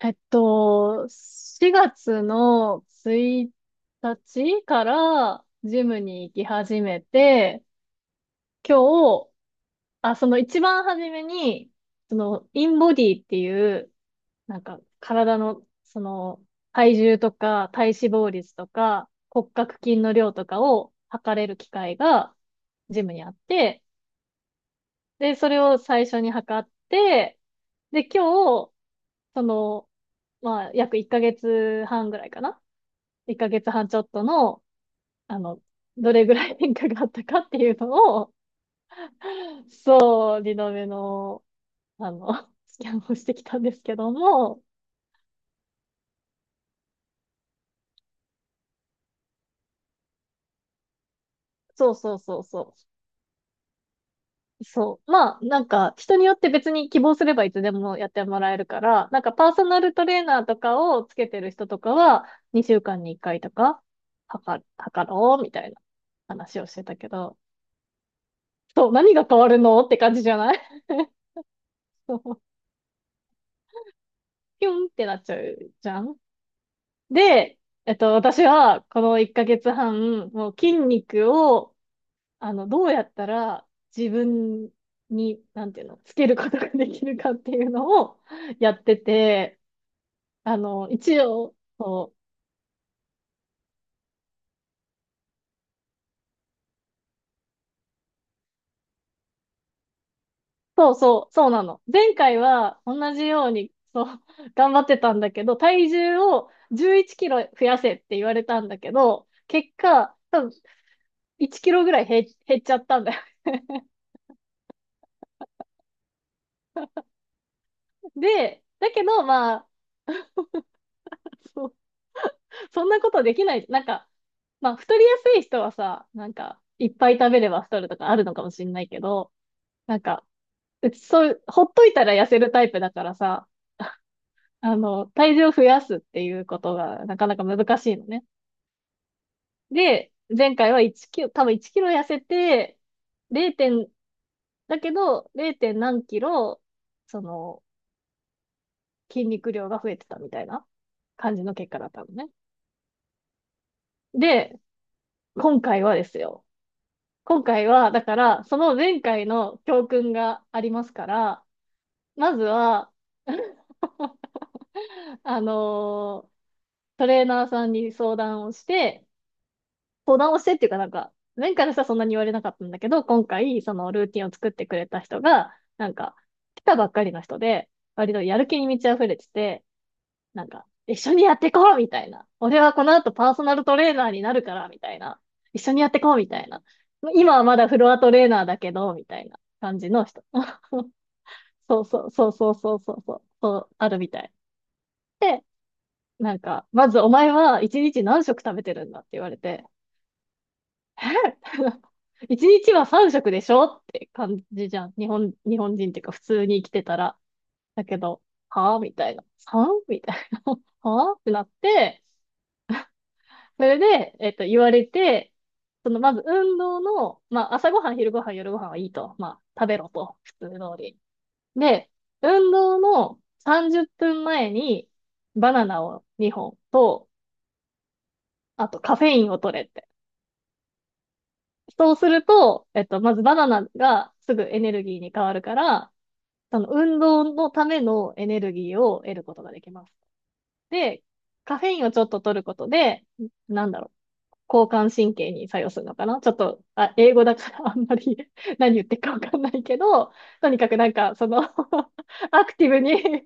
4月の1日からジムに行き始めて、今日、あ、その一番初めに、その、インボディっていう、なんか、体の、体重とか、体脂肪率とか、骨格筋の量とかを測れる機械が、ジムにあって、で、それを最初に測って、で、今日、その、まあ、約1ヶ月半ぐらいかな、1ヶ月半ちょっとの、あの、どれぐらい変化があったかっていうのを、そう、リノベの、スキャンをしてきたんですけども、そうそうそうそう。そう。まあ、なんか、人によって別に希望すればいつでもやってもらえるから、なんかパーソナルトレーナーとかをつけてる人とかは、2週間に1回とか、測る、測ろう、みたいな話をしてたけど、そう、何が変わるのって感じじゃない？ そうピュンってなっちゃうじゃん。で、私は、この1ヶ月半、もう筋肉を、どうやったら自分に、なんていうの、つけることができるかっていうのを やってて、一応、そう、そうそう、そうなの。前回は同じように、そう、頑張ってたんだけど、体重を11キロ増やせって言われたんだけど、結果、多分1キロぐらい減っちゃったんだよ。で、だけど、まあ、そんなことできない。なんか、まあ、太りやすい人はさ、なんか、いっぱい食べれば太るとかあるのかもしれないけど、なんか、うちそういう、ほっといたら痩せるタイプだからさ、体重を増やすっていうことがなかなか難しいのね。で、前回は1キロ、多分1キロ痩せて、0点、だけど、0. 点何キロ、その、筋肉量が増えてたみたいな感じの結果だったのね。で、今回はですよ。今回は、だから、その前回の教訓がありますから、まずは、あのートレーナーさんに相談をして、相談をしてっていうかなんか、前回の人はそんなに言われなかったんだけど、今回、そのルーティンを作ってくれた人が、なんか、来たばっかりの人で、割とやる気に満ち溢れてて、なんか、一緒にやってこうみたいな。俺はこの後パーソナルトレーナーになるから、みたいな。一緒にやってこうみたいな。今はまだフロアトレーナーだけど、みたいな感じの人。そうそうそうそうそうそうそう、そうあるみたい。で、なんか、まずお前は一日何食食べてるんだって言われて、え一日 は三食でしょって感じじゃん。日本人っていうか普通に生きてたら。だけど、はぁみたいな。三みたいな。はぁってなって、それで、言われて、その、まず運動の、まあ、朝ごはん、昼ごはん、夜ごはんはいいと。まあ、食べろと。普通通り。で、運動の30分前にバナナを2本と、あとカフェインを取れって。そうすると、まずバナナがすぐエネルギーに変わるから、その運動のためのエネルギーを得ることができます。で、カフェインをちょっと取ることで、なんだろう、交感神経に作用するのかなちょっと、あ、英語だから あんまり 何言ってるかわかんないけど、とにかくなんか、その アクティブに、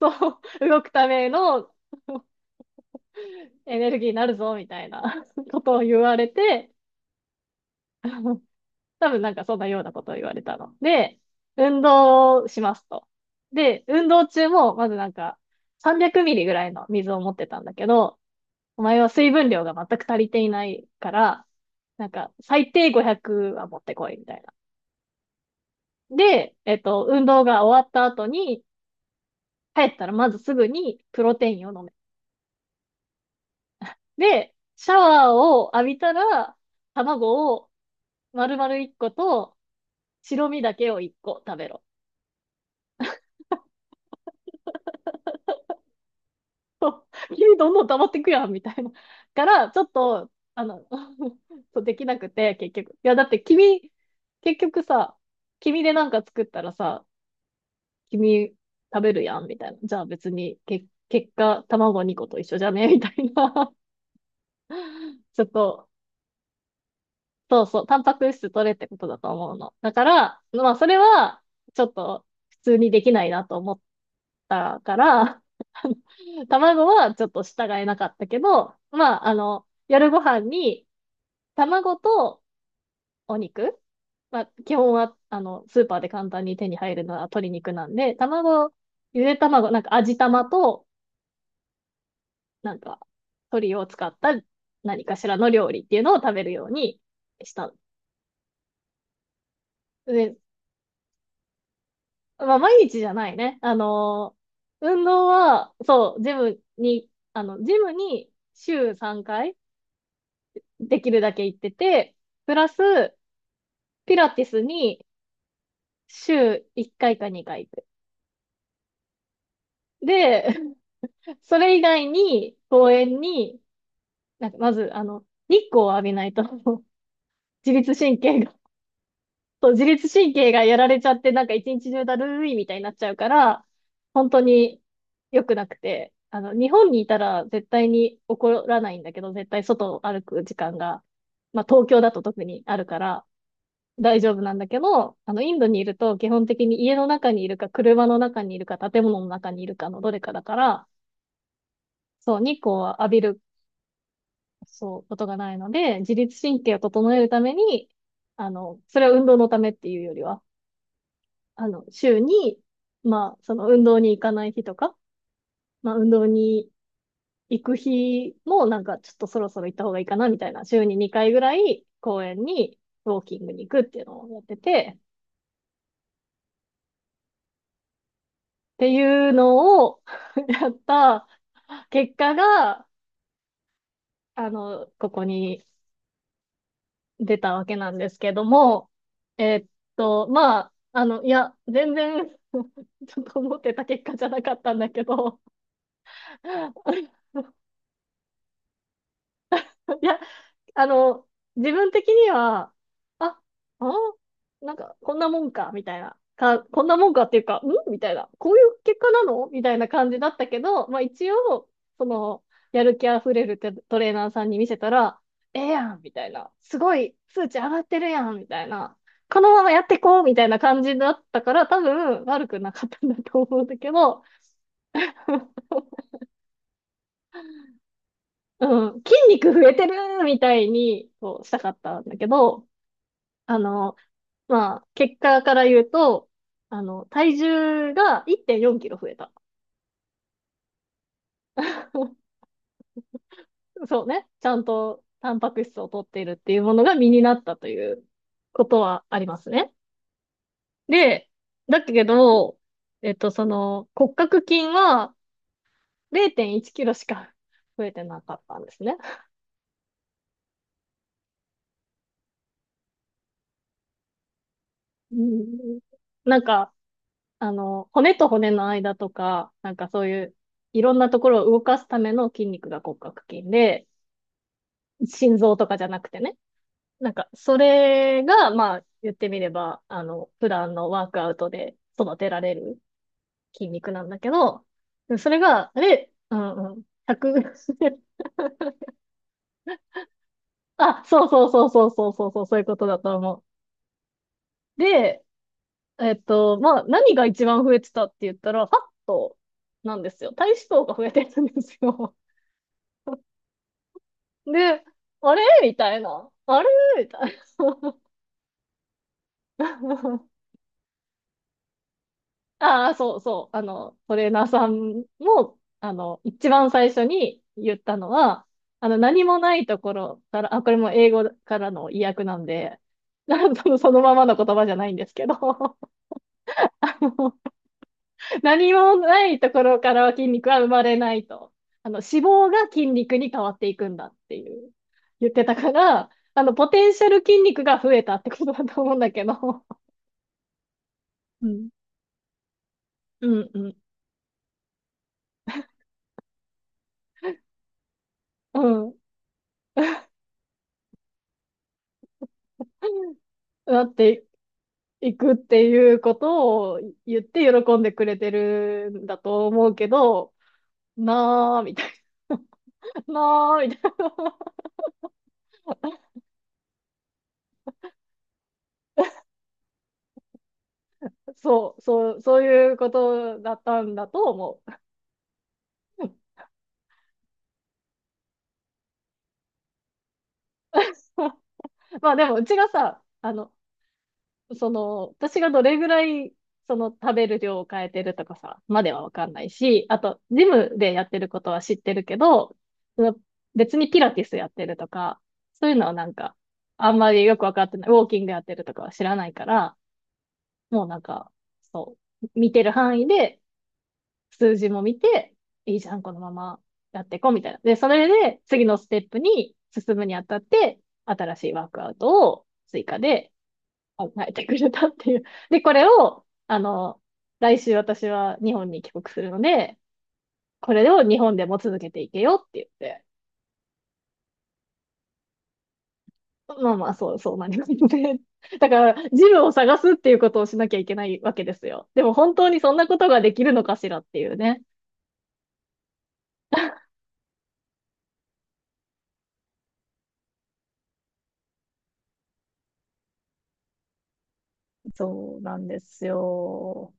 そう、動くためのエネルギーになるぞ、みたいな ことを言われて、多分なんかそんなようなことを言われたの。で、運動をしますと。で、運動中も、まずなんか、300ミリぐらいの水を持ってたんだけど、お前は水分量が全く足りていないから、なんか、最低500は持ってこい、みたいな。で、運動が終わった後に、帰ったらまずすぐにプロテインを飲で、シャワーを浴びたら、卵を丸々1個と、白身だけを1個食べろ。どんどん溜まってくやん、みたいな。から、ちょっと、あの、そうできなくて、結局。いや、だって君、結局さ、君でなんか作ったらさ、君食べるやん、みたいな。じゃあ別に、結果、卵2個と一緒じゃねみたいな。ちょっと、そうそう、タンパク質取れってことだと思うの。だから、まあ、それは、ちょっと、普通にできないなと思ったから、卵はちょっと従えなかったけど、まあ、夜ご飯に、卵とお肉、まあ、基本は、スーパーで簡単に手に入るのは鶏肉なんで、卵、ゆで卵、なんか味玉と、なんか、鶏を使った何かしらの料理っていうのを食べるようにした。で、まあ、毎日じゃないね。運動は、そう、ジムに、ジムに週3回できるだけ行ってて、プラス、ピラティスに週1回か2回行く。で、それ以外に公園に、なんかまず、日光を浴びないと 自律神経、そう、自律神経がやられちゃって、なんか一日中だるいみたいになっちゃうから、本当に良くなくて、日本にいたら絶対に怒らないんだけど、絶対外を歩く時間が、まあ東京だと特にあるから大丈夫なんだけど、インドにいると基本的に家の中にいるか、車の中にいるか、建物の中にいるかのどれかだから、そう、日光は浴びる、そう、ことがないので、自律神経を整えるために、それは運動のためっていうよりは、週に、まあ、その運動に行かない日とか、まあ、運動に行く日も、なんか、ちょっとそろそろ行った方がいいかな、みたいな、週に2回ぐらい公園にウォーキングに行くっていうのをやってて、っていうのを やった結果が、ここに出たわけなんですけども、えっまあ、いや、全然 ちょっと思ってた結果じゃなかったんだけど、 いや、あの、自分的には、あ、あ、なんか、こんなもんか、みたいな。こんなもんかっていうか、んみたいな。こういう結果なのみたいな感じだったけど、まあ一応、その、やる気あふれるテトレーナーさんに見せたら、ええやんみたいな。すごい、数値上がってるやんみたいな。このままやってこうみたいな感じだったから、多分、悪くなかったんだと思うんだけど、うん、筋肉増えてるみたいに、こう、したかったんだけど、あの、まあ、結果から言うと、体重が1.4キロ増えた。そうね。ちゃんとタンパク質を取っているっていうものが身になったということはありますね。で、だけど、その、骨格筋は0.1キロしか増えてなかったんですね。うん、なんか、骨と骨の間とか、なんかそういう、いろんなところを動かすための筋肉が骨格筋で、心臓とかじゃなくてね。なんか、それが、まあ、言ってみれば、普段のワークアウトで育てられる筋肉なんだけど、それが、あれ、うんうん、100、あ、そうそうそうそうそうそうそう、そういうことだと思う。で、まあ、何が一番増えてたって言ったら、ファットなんですよ。体脂肪が増えてるんですよ。で、あれみたいな。あれみたいな。ああ、そうそう。トレーナーさんも、一番最初に言ったのは、何もないところから、あ、これも英語からの意訳なんで、なんそのそのままの言葉じゃないんですけど、何もないところからは筋肉は生まれないと。脂肪が筋肉に変わっていくんだっていう、言ってたから、ポテンシャル筋肉が増えたってことだと思うんだけど、うん、うん、うん、うん。だって、行くっていうことを言って喜んでくれてるんだと思うけど、なあ、みたいな、なあ、みたいな。そう、そう、そういうことだったんだと思う。まあでも、うちがさ、その、私がどれぐらい、その食べる量を変えてるとかさ、まではわかんないし、あと、ジムでやってることは知ってるけど、その別にピラティスやってるとか、そういうのはなんか、あんまりよくわかってない、ウォーキングやってるとかは知らないから、もうなんか、そう、見てる範囲で数字も見て、いいじゃん、このままやっていこうみたいな。で、それで次のステップに進むにあたって、新しいワークアウトを追加で考えてくれたっていう。で、これを、来週私は日本に帰国するので、これを日本でも続けていけよって言って、まあまあ、そう、そうなりますね。だから、ジムを探すっていうことをしなきゃいけないわけですよ。でも本当にそんなことができるのかしらっていうね。そうなんですよ。